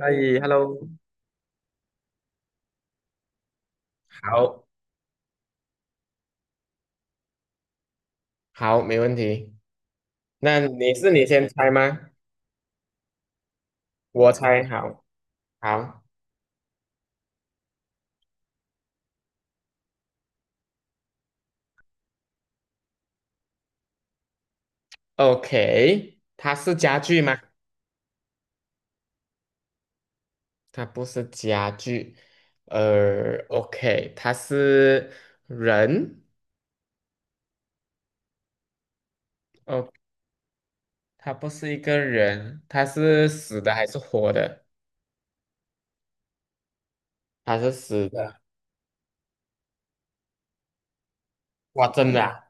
哎，hello，好，好，没问题。那你是你先猜吗？我猜，好，好，OK。它是家具吗？它不是家具。OK，它是人。哦，它不是一个人，它是死的还是活的？它是死的。哇，真的啊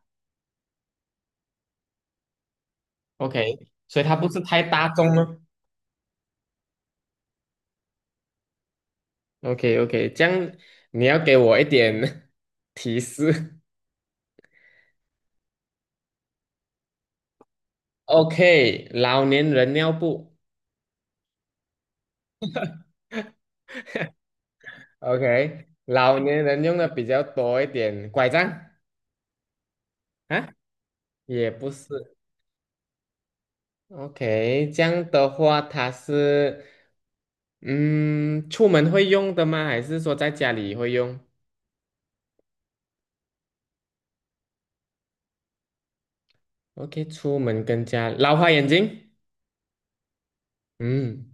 ？OK，所以它不是太大众吗？OK，OK，这样你要给我一点 提示。OK，老年人尿布，OK，老年人用的比较多一点，拐杖啊，也不是，OK，这样的话，它是，嗯，出门会用的吗？还是说在家里会用？OK，出门跟家，老花眼镜，嗯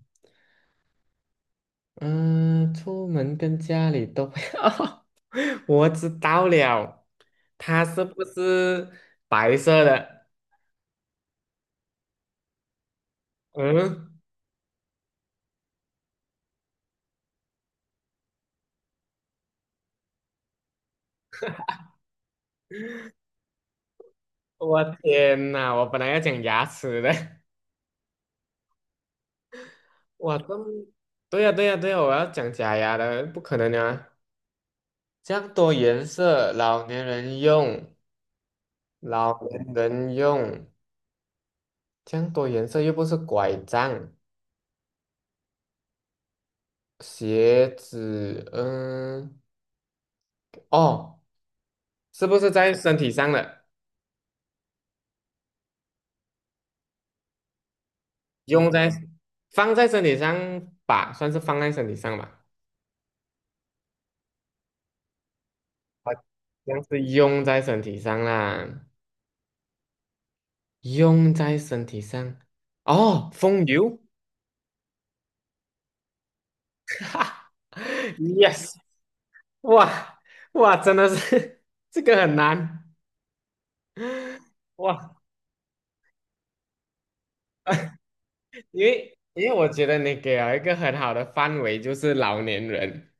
嗯，出门跟家里都会，我知道了，它是不是白色的？嗯。我天呐，我本来要讲牙齿的，哇，这么对呀、对呀、对呀、我要讲假牙的，不可能啊！这样多颜色，老年人用，老年人用，这样多颜色又不是拐杖、鞋子，嗯，哦，是不是在身体上的？用在放在身体上吧，算是放在身体上吧，好像是用在身体上啦。用在身体上。哦，风油 ，yes，哇哇，真的是 这个很难哇，因为我觉得你给了一个很好的范围，就是老年人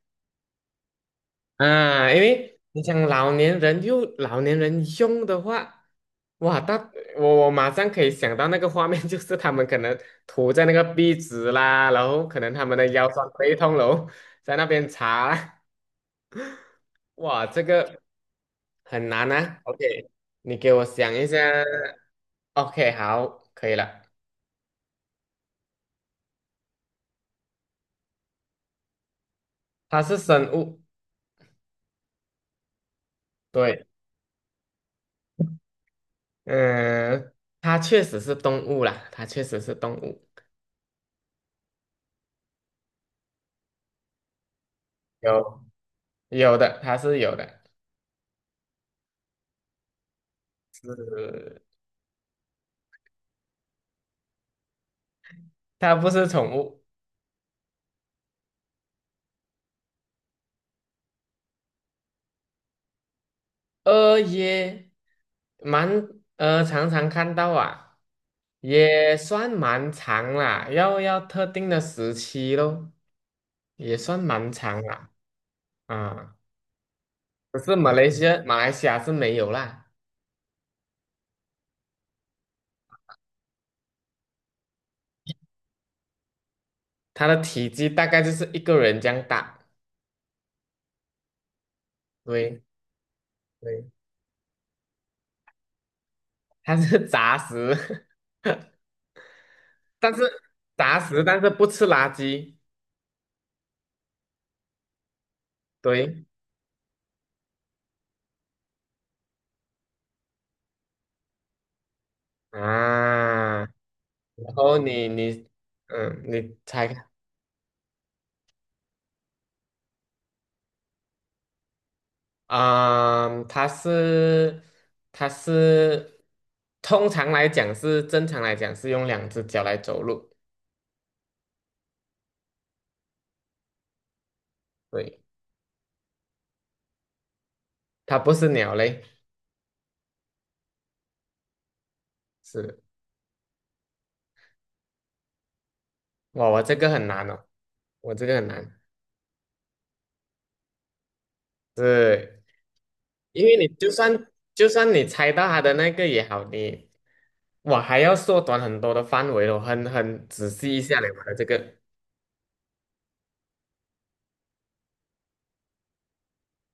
啊，因为你想老年人又老年人用的话，哇，那我马上可以想到那个画面，就是他们可能涂在那个壁纸啦，然后可能他们的腰酸背痛喽，在那边擦啦，哇，这个。很难啊。OK，你给我想一下。OK，好，可以了。它是生物，对，嗯，它确实是动物啦，它确实是动物，有有的，它是有的，是它不是宠物，也蛮常常看到啊，也算蛮长啦，要特定的时期咯，也算蛮长啦，啊，可是马来西亚是没有啦。它的体积大概就是一个人这样大，对对，它是杂食，但是杂食但是不吃垃圾，对啊，然后你嗯，你猜看啊，它是通常来讲是正常来讲是用两只脚来走路，对，它不是鸟类，是哇，我这个很难哦，我这个很难，对。因为你就算就算你猜到它的那个也好，你我还要缩短很多的范围哦，很仔细一下嘞，我的这个。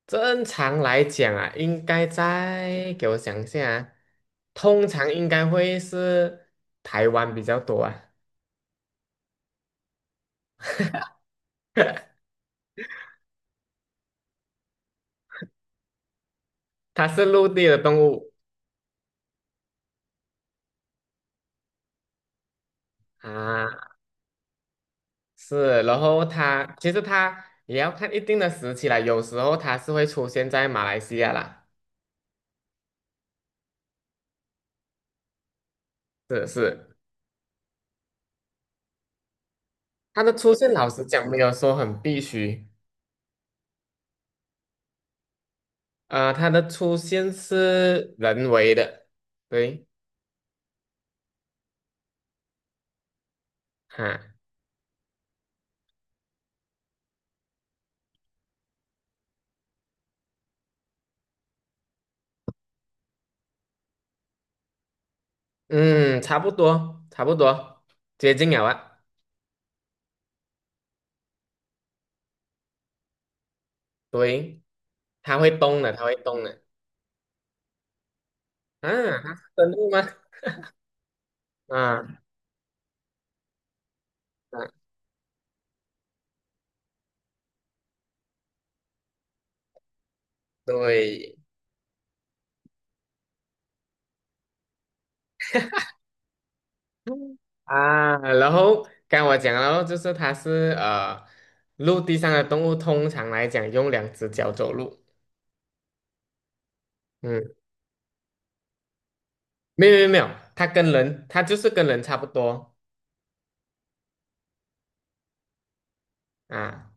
正常来讲啊，应该在给我想一下啊，通常应该会是台湾比较多啊，它是陆地的动物啊，是，然后它其实它也要看一定的时期啦，有时候它是会出现在马来西亚啦，是是，它的出现老实讲没有说很必须。它的出现是人为的，对，哈，嗯，差不多，差不多，接近了啊，对，它会动的，它会动的，啊，它是生物吗？啊，啊，对，嗯啊，然后刚我讲了哦，就是陆地上的动物，通常来讲用两只脚走路，嗯，没有没有没有，它跟人，它就是跟人差不多啊。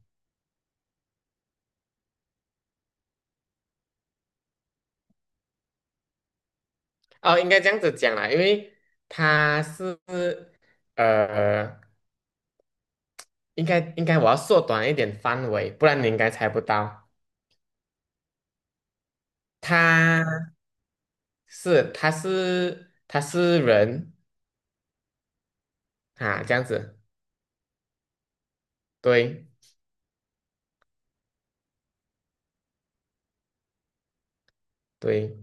哦，应该这样子讲啦，因为他是呃，应该我要缩短一点范围，不然你应该猜不到。他是他是人啊，这样子，对对，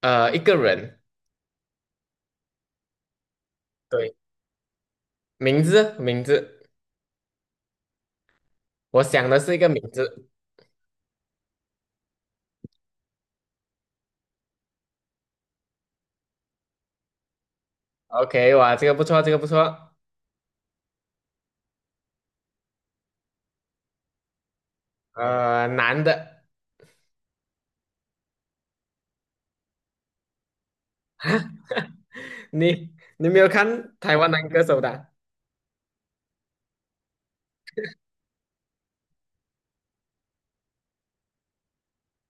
一个人，对，名字名字，我想的是一个名字。OK，哇，这个不错，这个不错，男的，你你没有看台湾男歌手的啊？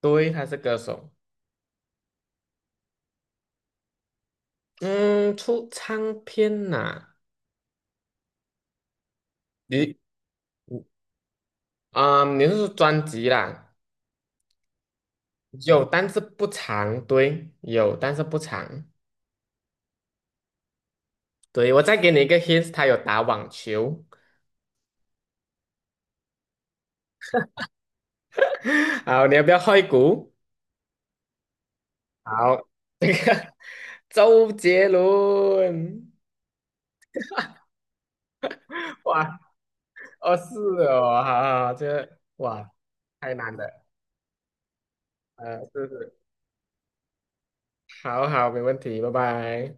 对，他是歌手，嗯，出唱片呐、你你是说专辑啦？有，但是不长，对，有，但是不长。对，我再给你一个 hint，他有打网球。好，你要不要换一股？好，这个 周杰伦，哇，哦是哦，好好，好这个哇太难了，是是，好好，没问题，拜拜。